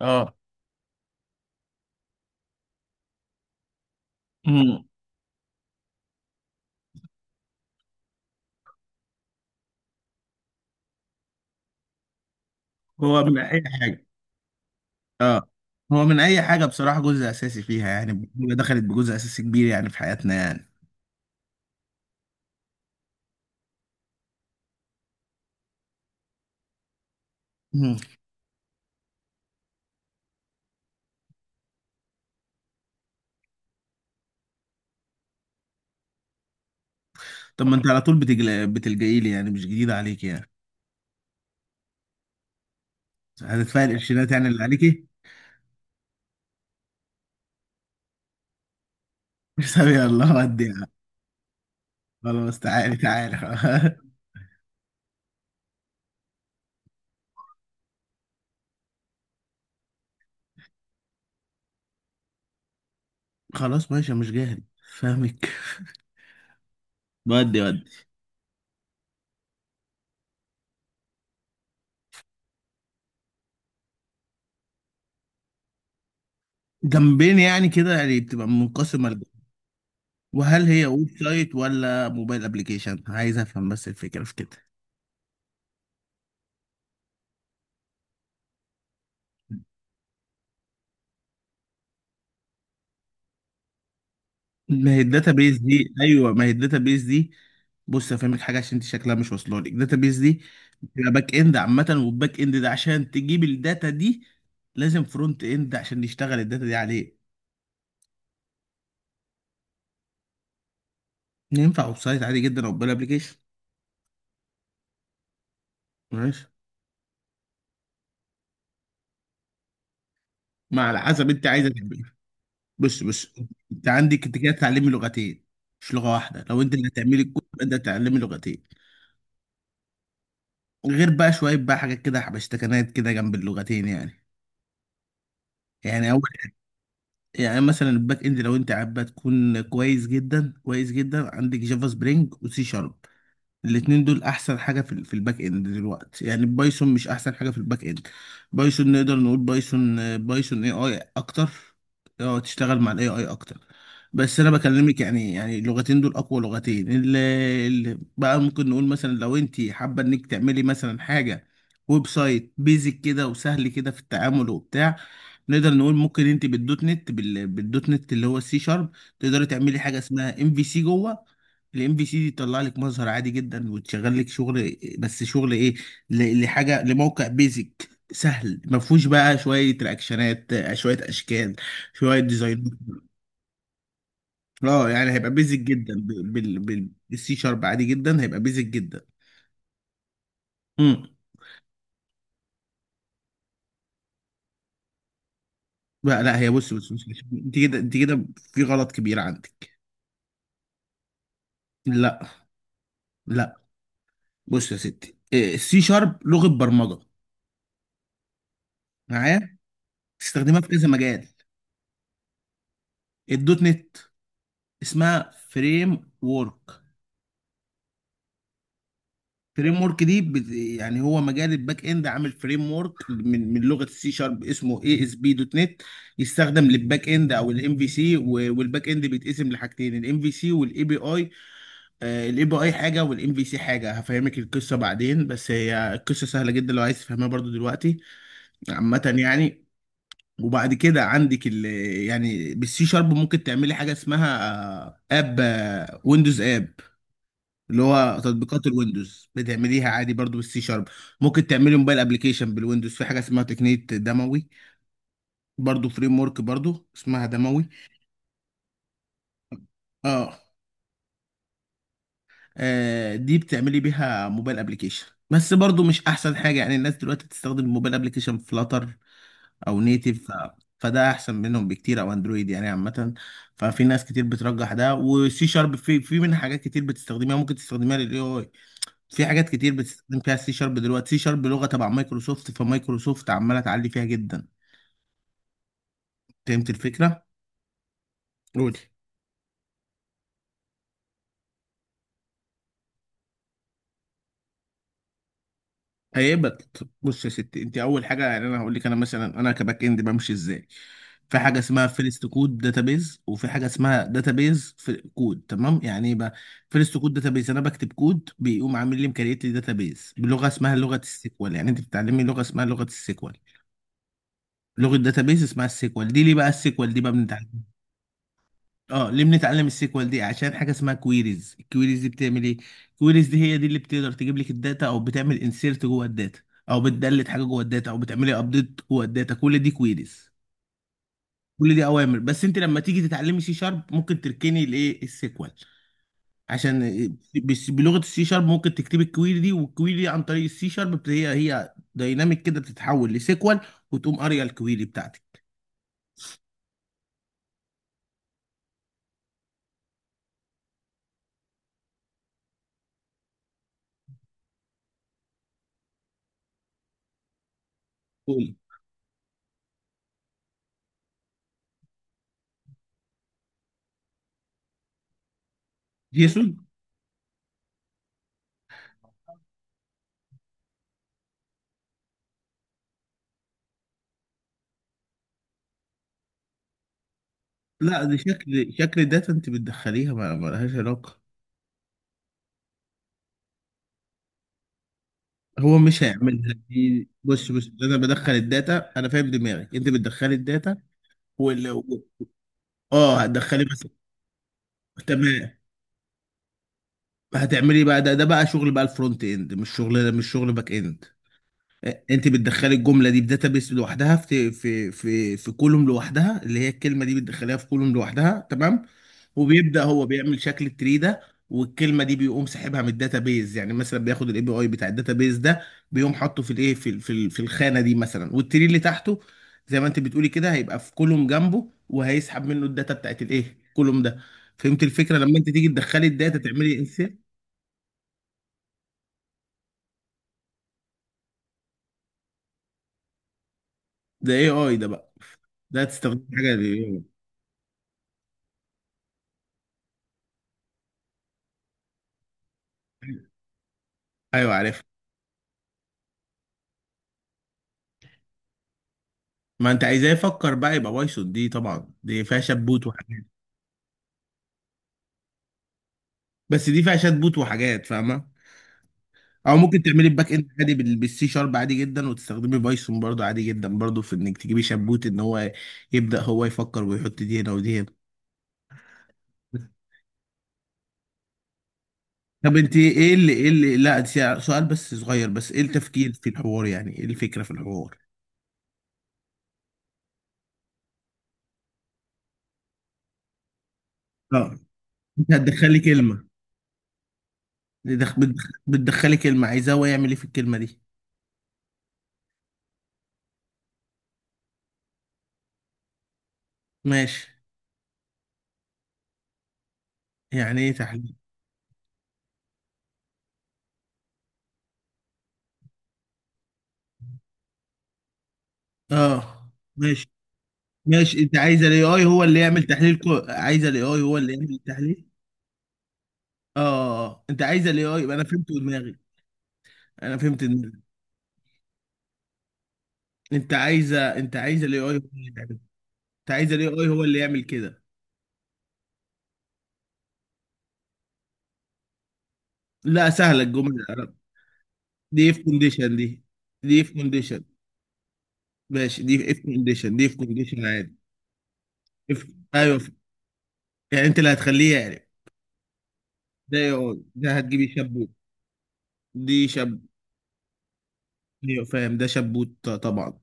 اه. امم. هو من اي حاجه؟ اه، هو من اي حاجه بصراحه جزء اساسي فيها، يعني البرمجه دخلت بجزء اساسي كبير يعني في حياتنا يعني. مم. طب ما انت على طول بتلجئي لي، يعني مش جديد عليك يعني. هتدفعي القرشينات يعني اللي عليكي. حسابي الله ودي يعني. خلاص، تعالي تعالي. خلاص ماشي، مش جاهل، فاهمك. ودي ودي. جنبين يعني كده، يعني بتبقى منقسمه لجنب. وهل هي ويب سايت ولا موبايل ابلكيشن؟ عايز افهم بس الفكره في كده. ما هي الداتا بيز دي؟ ايوه، ما هي الداتا بيز دي؟ بص هفهمك حاجه عشان انت شكلها مش واصله لك. الداتا بيز دي بتبقى باك اند عامه، والباك اند ده عشان تجيب الداتا دي لازم فرونت اند عشان يشتغل الداتا دي عليه. ينفع ويب سايت عادي جدا او موبايل ابلكيشن. ماشي. ما على حسب انت عايزه تعمل. بص بص، انت عندك، انت كده تعلمي لغتين، مش لغه واحده. لو انت اللي هتعملي الكود يبقى انت هتتعلمي لغتين، غير بقى شويه بقى حاجات كده حبشتكنات كده جنب اللغتين يعني. يعني اول، يعني مثلا الباك اند لو انت حابه تكون كويس جدا كويس جدا، عندك جافا سبرينج وسي شارب. الاتنين دول احسن حاجه في الباك اند دلوقتي. يعني بايثون مش احسن حاجه في الباك اند. بايثون نقدر نقول بايثون بايثون اي اي اكتر. اه، تشتغل مع الاي اي اكتر. بس انا بكلمك يعني، يعني اللغتين دول اقوى لغتين اللي اللي بقى. ممكن نقول مثلا لو انت حابه انك تعملي مثلا حاجه ويب سايت بيزك كده وسهل كده في التعامل وبتاع، نقدر نقول ممكن انت بالدوت نت، بالدوت نت اللي هو السي شارب، تقدري تعملي حاجه اسمها ام في سي جوه. الام في سي دي تطلع لك مظهر عادي جدا وتشغل لك شغل، بس شغل ايه؟ لحاجه لموقع بيزك سهل ما فيهوش بقى شويه رياكشنات، شويه اشكال، شويه ديزاين. اه يعني هيبقى بيزك جدا، بالسي شارب عادي جدا هيبقى بيزك جدا. امم. لا لا، هي بص بص بص، انت كده في غلط كبير عندك. لا لا. بص يا ستي، السي شارب لغه برمجه معايا، تستخدمها في كذا مجال. الدوت نت اسمها فريم وورك. فريم وورك دي يعني هو مجال الباك اند عامل فريم وورك من لغه السي شارب اسمه اي اس بي دوت نت، يستخدم للباك اند او الام في سي. والباك اند بيتقسم لحاجتين، الام في سي والاي بي اي. الاي بي اي حاجه والام في سي حاجه، هفهمك القصه بعدين، بس هي القصه سهله جدا لو عايز تفهمها برضو دلوقتي، عامه يعني. وبعد كده عندك ال، يعني بالسي شارب ممكن تعملي حاجه اسمها آه، اب آه، ويندوز اب، اللي هو تطبيقات الويندوز بتعمليها عادي برضو بالسي شارب. ممكن تعملي موبايل ابلكيشن بالويندوز في حاجه اسمها تقنيه دموي، برضو فريم ورك، برضو اسمها دموي. اه. دي بتعملي بيها موبايل ابلكيشن بس برضو مش احسن حاجه. يعني الناس دلوقتي بتستخدم الموبايل ابلكيشن فلاتر او نيتيف فده احسن منهم بكتير، او اندرويد يعني عامه. ففي ناس كتير بترجح ده، وسي شارب في منها حاجات كتير بتستخدمها، ممكن تستخدمها للاي اي. في حاجات كتير بتستخدم فيها سي شارب دلوقتي. سي شارب لغه تبع مايكروسوفت، فمايكروسوفت عماله تعلي فيها جدا. فهمت الفكره؟ قول. هيبقى، بص يا ستي، انت اول حاجه يعني انا هقول لك انا مثلا انا كباك اند بمشي ازاي. في حاجه اسمها فيرست كود داتابيز، وفي حاجه اسمها داتابيز في كود. تمام، يعني ايه بقى؟ فيرست كود داتابيز انا بكتب كود بيقوم عامل لي مكريت لي داتابيز بلغه اسمها لغه السيكوال. يعني انت بتتعلمي لغه اسمها لغه السيكوال، لغه داتابيز اسمها السيكوال. دي ليه بقى السيكوال دي بقى بنتعلم؟ اه، ليه بنتعلم السيكوال دي؟ عشان حاجه اسمها كويريز. الكويريز دي بتعمل ايه؟ الكويريز دي هي دي اللي بتقدر تجيب لك الداتا، او بتعمل انسيرت جوه الداتا، او بتدلت حاجه جوه الداتا، او بتعملي ابديت جوه الداتا. كل دي كويريز، كل دي اوامر. بس انت لما تيجي تتعلمي سي شارب ممكن تركني الايه السيكوال عشان، بس بلغه السي شارب ممكن تكتبي الكويري دي، والكويري دي عن طريق السي شارب هي هي دايناميك كده بتتحول لسيكوال، وتقوم قاريه الكويري بتاعتك. قولي. جيسون. لا، دي شكل شكل داتا انت بتدخليها، ما لهاش علاقه. هو مش هيعملها دي، بص بص، انا بدخل الداتا، انا فاهم دماغك، انت بتدخلي الداتا وال، اه، هتدخلي بس. تمام، هتعملي بقى ده، ده بقى شغل بقى الفرونت اند، مش شغل، مش شغل باك اند. انت بتدخلي الجمله دي في داتابيس لوحدها، في كولوم لوحدها، اللي هي الكلمه دي بتدخليها في كولوم لوحدها. تمام. وبيبدا هو بيعمل شكل التري ده، والكلمه دي بيقوم ساحبها من الداتابيز. يعني مثلا بياخد الاي بي اي بتاع الداتابيز ده، بيقوم حاطه في الايه في الخانه دي مثلا، والتري اللي تحته زي ما انت بتقولي كده، هيبقى في كولوم جنبه، وهيسحب منه الداتا بتاعت الايه كولوم ده. فهمت الفكره؟ لما انت تيجي تدخلي الداتا تعملي انسert. ده اي اي ده بقى، ده تستخدم حاجه لل AI. ايوه عارف. ما انت عايزاه يفكر بقى، يبقى بايثون، دي طبعا دي فيها شات بوت وحاجات. بس دي فيها شات بوت وحاجات، فاهمه. او ممكن تعملي الباك اند عادي بالسي شارب عادي جدا، وتستخدمي بايثون برضو عادي جدا، برضو في انك تجيبي شات بوت، ان هو يبدا هو يفكر ويحط دي هنا ودي هنا. طب انت ايه اللي، ايه اللي، لا سؤال بس صغير، بس ايه التفكير في الحوار؟ يعني ايه الفكره في الحوار؟ اه، انت هتدخلي كلمه، بتدخلي كلمه، عايزاه هو يعمل ايه في الكلمه دي. ماشي. يعني ايه تحليل؟ اه. ماشي ماشي، انت عايز الاي اي هو اللي يعمل عايز الاي اي هو اللي يعمل التحليل. اه. انت عايز الاي اي، انا فهمت دماغي. انا فهمت دماغي. انت عايزه، انت عايز الاي اي هو اللي يعمل، انت عايز الاي اي هو اللي يعمل كده. لا سهله الجمله العرب. دي اف كونديشن دي. دي اف كونديشن، ماشي، دي اف كونديشن، دي اف كونديشن عادي. اف، ايوه. يعني انت اللي هتخليه يعرف. ده اي اي ده، هتجيبي شبوت. دي شب، ايوه فاهم، ده شبوت، طبعا.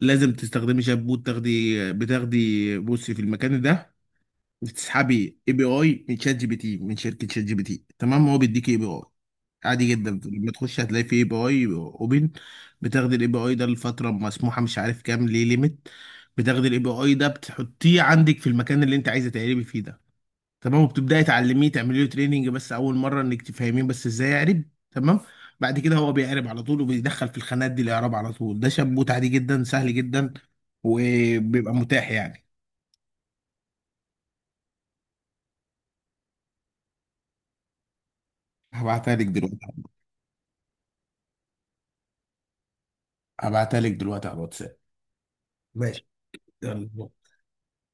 لازم تستخدمي شامبو، تاخدي، بتاخدي، بصي في المكان ده بتسحبي اي بي اي من شات جي بي تي، من شركه شات جي بي تي. تمام، هو بيديكي اي بي اي عادي جدا. لما تخش هتلاقي في اي بي اي اوبن، بتاخدي الاي بي اي ده لفتره مسموحه مش عارف كام ليه ليميت. بتاخدي الاي بي اي ده بتحطيه عندك في المكان اللي انت عايزه تقلبي فيه ده. تمام. وبتبداي تعلميه، تعملي له تريننج بس اول مره، انك تفهميه بس ازاي يعرب. تمام. بعد كده هو بيعرب على طول، وبيدخل في الخانات دي الاعراب على طول. ده شابوت عادي جدا، سهل جدا، وبيبقى متاح يعني. هبعتها لك دلوقتي. هبعتها لك دلوقتي على الواتساب. ماشي. يلا.